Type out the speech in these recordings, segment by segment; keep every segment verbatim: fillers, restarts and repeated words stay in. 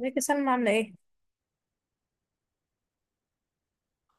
ازيك يا سلمى عاملة ايه؟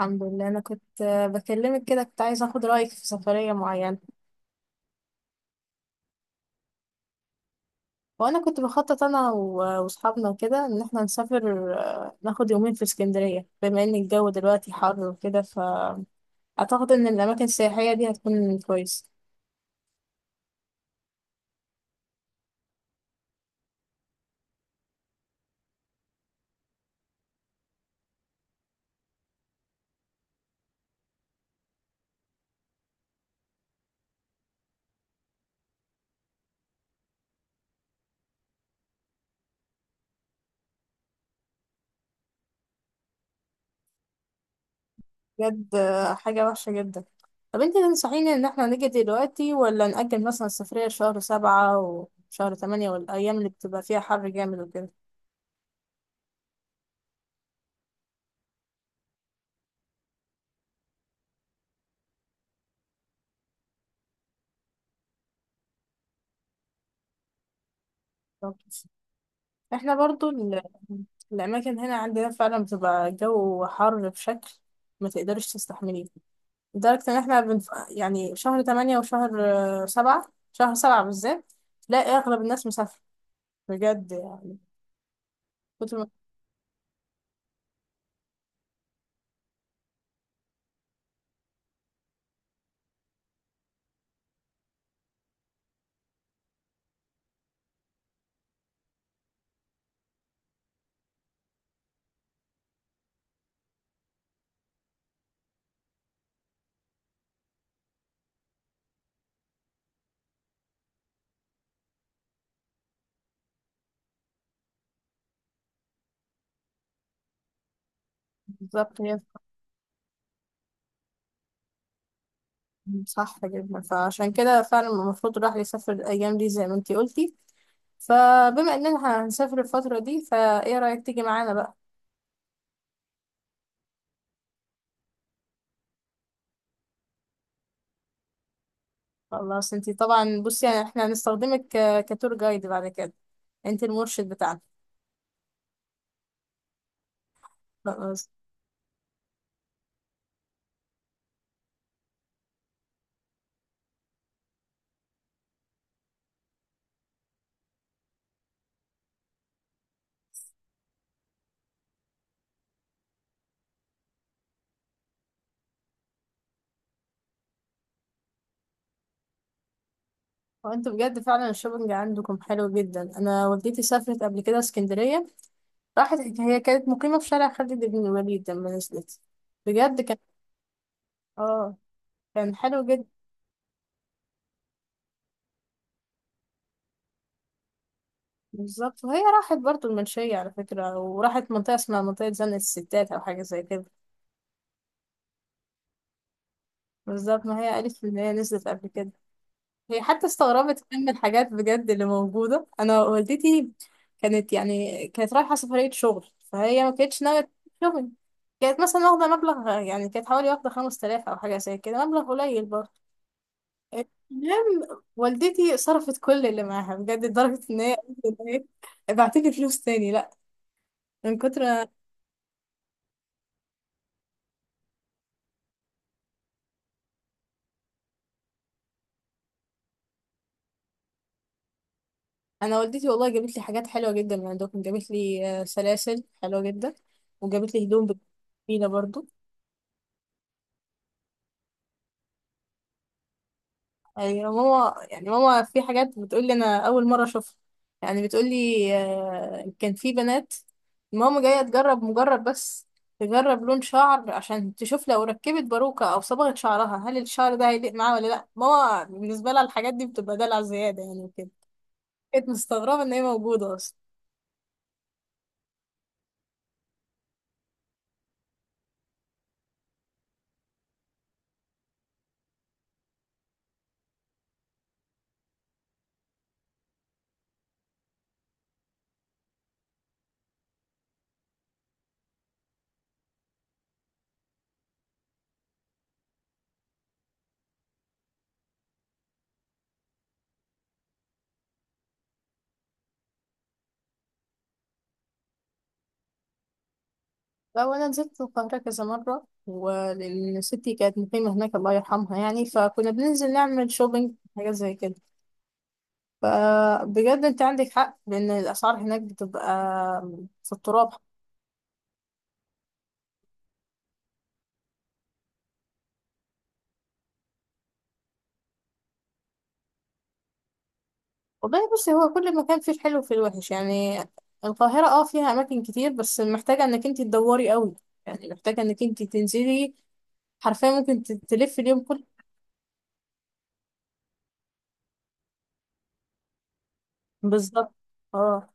الحمد لله. أنا كنت آه، بكلمك كده، كنت عايزة أخد رأيك في سفرية معينة. وأنا كنت بخطط أنا و- وأصحابنا وكده إن احنا نسافر، آه، ناخد يومين في اسكندرية، بما إن الجو دلوقتي حر وكده، فأعتقد إن الأماكن السياحية دي هتكون كويسة. بجد، آه، حاجة وحشة جدا. طب انت تنصحيني إن احنا نيجي دلوقتي، ولا نأجل مثلا السفرية شهر سبعة وشهر تمانية والأيام اللي بتبقى فيها حر جامد وكده؟ احنا برضو ال... الأماكن هنا عندنا فعلا بتبقى جو حر بشكل ما تقدرش تستحمليه، لدرجة إن احنا بنف... يعني شهر تمانية وشهر آه، سبعة، شهر سبعة بالذات تلاقي أغلب الناس مسافرة بجد، يعني كتر ما. بالظبط هي. صح جدا، فعشان كده فعلا المفروض الواحد يسافر الأيام دي زي ما انتي قلتي. فبما إننا هنسافر الفترة دي، فإيه رأيك تيجي معانا بقى؟ خلاص انتي طبعا، بصي يعني احنا هنستخدمك ك- كتور جايد بعد كده، انتي المرشد بتاعنا. خلاص. وانتوا بجد فعلا الشوبنج عندكم حلو جدا. انا والدتي سافرت قبل كده اسكندريه، راحت هي كانت مقيمه في شارع خالد بن الوليد. لما نزلت بجد كان اه، كان حلو جدا. بالظبط، وهي راحت برضو المنشيه على فكره، وراحت منطقه اسمها منطقه زنقه الستات او حاجه زي كده. بالظبط، ما هي قالت ان هي نزلت قبل كده، هي حتى استغربت كمان من الحاجات بجد اللي موجودة. أنا والدتي كانت يعني كانت رايحة سفرية شغل، فهي ما كانتش ناوية شغل، كانت مثلا واخدة مبلغ، يعني كانت حوالي واخدة خمس تلاف أو حاجة زي كده، مبلغ قليل برضه. المهم والدتي صرفت كل اللي معاها بجد، لدرجة إن هي قالت إن هي ابعتلي فلوس تاني، لأ، من كتر ما- أنا والدتي والله جابت لي حاجات حلوة جدا من عندكم، جابت لي آه، سلاسل حلوة جدا، وجابت لي هدوم بجد جميلة برضه. ايوه ماما، يعني ماما في حاجات بتقول لي انا اول مره اشوفها. يعني بتقول لي آه، كان في بنات ماما جايه تجرب، مجرد بس تجرب لون شعر عشان تشوف لو ركبت باروكه او صبغت شعرها هل الشعر ده هيليق معاها ولا لا. ماما بالنسبه لها الحاجات دي بتبقى دلع زياده يعني وكده. كانت مستغربه ان هي موجوده اصلا. لا، وانا نزلت القاهره كذا مره، ولان ستي كانت مقيمه هناك الله يرحمها، يعني فكنا بننزل نعمل شوبينج، حاجات زي كده. فبجد انت عندك حق، لان الاسعار هناك بتبقى في التراب. والله بصي، هو كل مكان فيه الحلو وفيه الوحش يعني. القاهرة اه فيها اماكن كتير، بس محتاجة انك انت تدوري قوي، يعني محتاجة انك انت تنزلي حرفيا، ممكن ت- تلفي اليوم كله. بالظبط. اه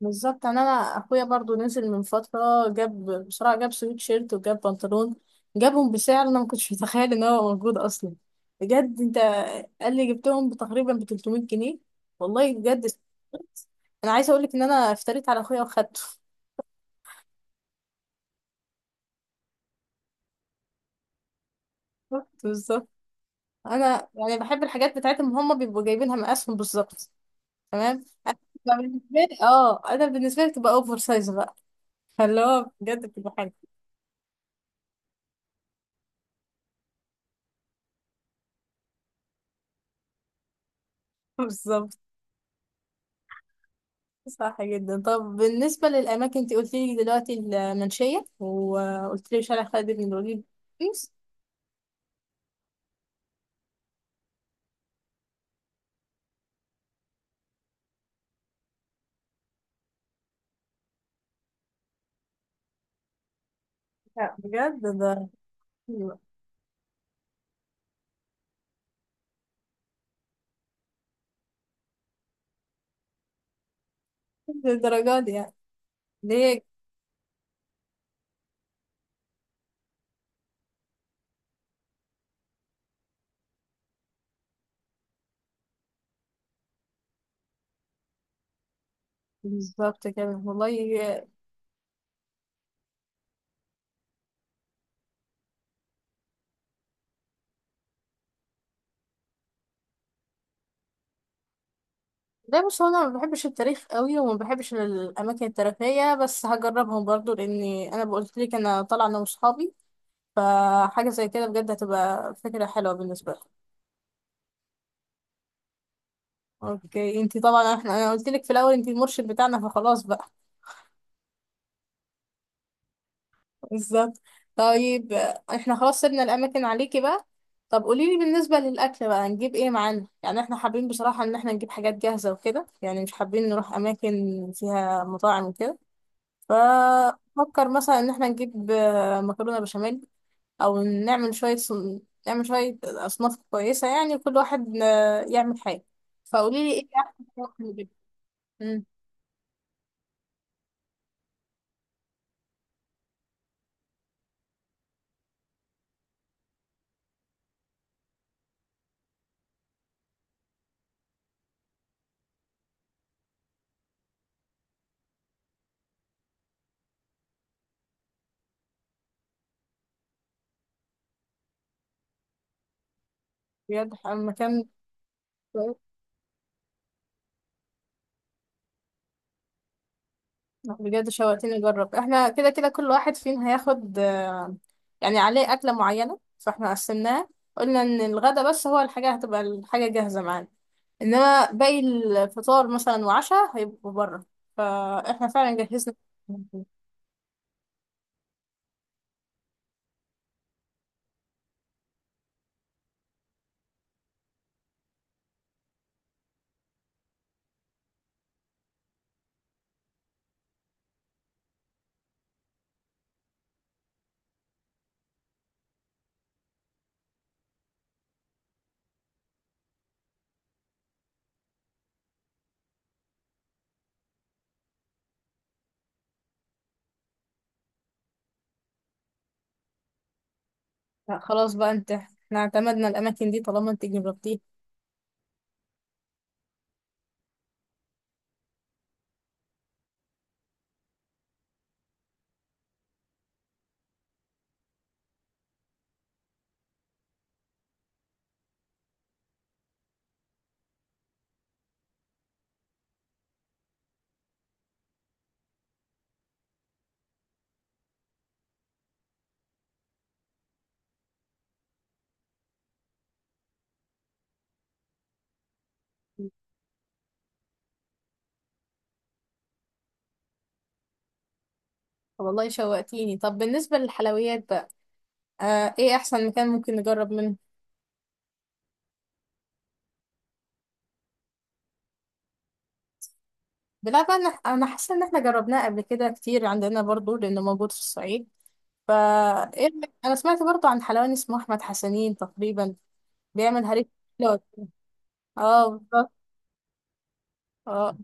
بالظبط. يعني انا اخويا برضو نزل من فتره، جاب بسرعه، جاب سويت شيرت وجاب بنطلون، جابهم بسعر انا ما كنتش متخيل ان هو موجود اصلا. بجد انت، قال لي جبتهم تقريبا ب تلتمية جنيه. والله بجد استغربت. انا عايزه اقول لك ان انا افتريت على اخويا واخدته. بالظبط. انا يعني بحب الحاجات بتاعتهم، هم بيبقوا جايبينها مقاسهم بالظبط تمام، أنا بتبقى بالنسبه لي اه، انا بالنسبه لي بتبقى اوفر سايز بقى، فاللي هو بجد بتبقى حلوه. بالظبط. صح جدا. طب بالنسبة للأماكن، أنت قلت لي دلوقتي المنشية، وقلت لي شارع خالد بن الوليد بس. لا بجد ده، للدرجة دي يعني ليه؟ بالظبط كده والله. ده بص، هو أنا ما بحبش التاريخ قوي، وما بحبش الأماكن التاريخية، بس هجربهم برضو لأني أنا قلت لك أنا طالعة أنا وصحابي، فحاجة زي كده بجد هتبقى فكرة حلوة بالنسبة لي. أوكي، أنت طبعا إحنا أنا قلت لك في الأول أنت المرشد بتاعنا، فخلاص بقى. بالظبط. طيب احنا خلاص سيبنا الاماكن عليكي بقى. طب قولي لي بالنسبه للاكل بقى، هنجيب ايه معانا؟ يعني احنا حابين بصراحه ان احنا نجيب حاجات جاهزه وكده، يعني مش حابين نروح اماكن فيها مطاعم وكده. ففكر مثلا ان احنا نجيب آه، مكرونه بشاميل، او نعمل شويه صن... نعمل شويه اصناف كويسه، يعني كل واحد آه، يعمل حاجه. فقولي لي ايه احسن مكان نجيبه؟ مم، بجد مكان. لا، بجد شوقتني اجرب. احنا كده كده كل واحد فينا هياخد آه، يعني عليه اكله معينه، فاحنا قسمناها، قلنا ان الغدا بس هو الحاجه، هتبقى الحاجه جاهزه معانا، انما باقي الفطار مثلا وعشاء هيبقوا بره، فاحنا فعلا جهزنا. لا خلاص بقى، انت احنا اعتمدنا الاماكن دي طالما انت جربتيها. طب والله شوقتيني. طب بالنسبه للحلويات بقى، آه ايه احسن مكان ممكن نجرب منه؟ بلا بقى، انا أنا حاسه ان احنا جربناه قبل كده كتير عندنا برضو لانه موجود في الصعيد، فا إيه رأيك؟ انا سمعت برضو عن حلواني اسمه احمد حسنين تقريبا بيعمل هريسه حلوة. اه بالظبط. اه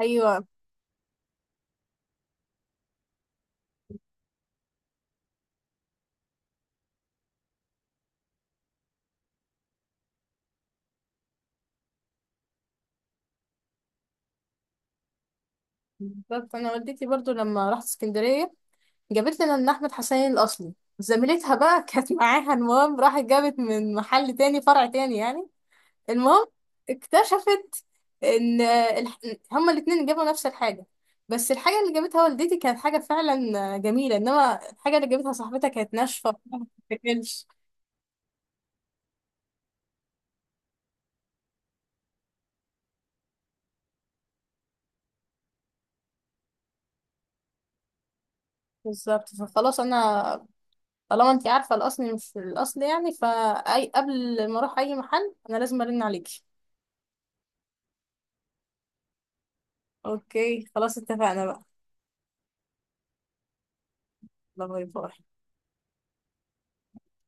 ايوه بالظبط. انا والدتي برضو لما رحت اسكندريه جابت لنا ان احمد حسنين الاصلي، زميلتها بقى كانت معاها. المهم راحت جابت من محل تاني، فرع تاني يعني. المهم اكتشفت ان الح- هما الاتنين جابوا نفس الحاجه، بس الحاجه اللي جابتها والدتي كانت حاجه فعلا جميله، انما الحاجه اللي جابتها صاحبتها كانت ناشفه ما بتتاكلش. بالظبط. فخلاص انا طالما انت عارفه الاصل مش الاصل يعني، فاي قبل ما اروح اي محل انا لازم ارن عليكي. اوكي خلاص اتفقنا بقى. يلا باي باي.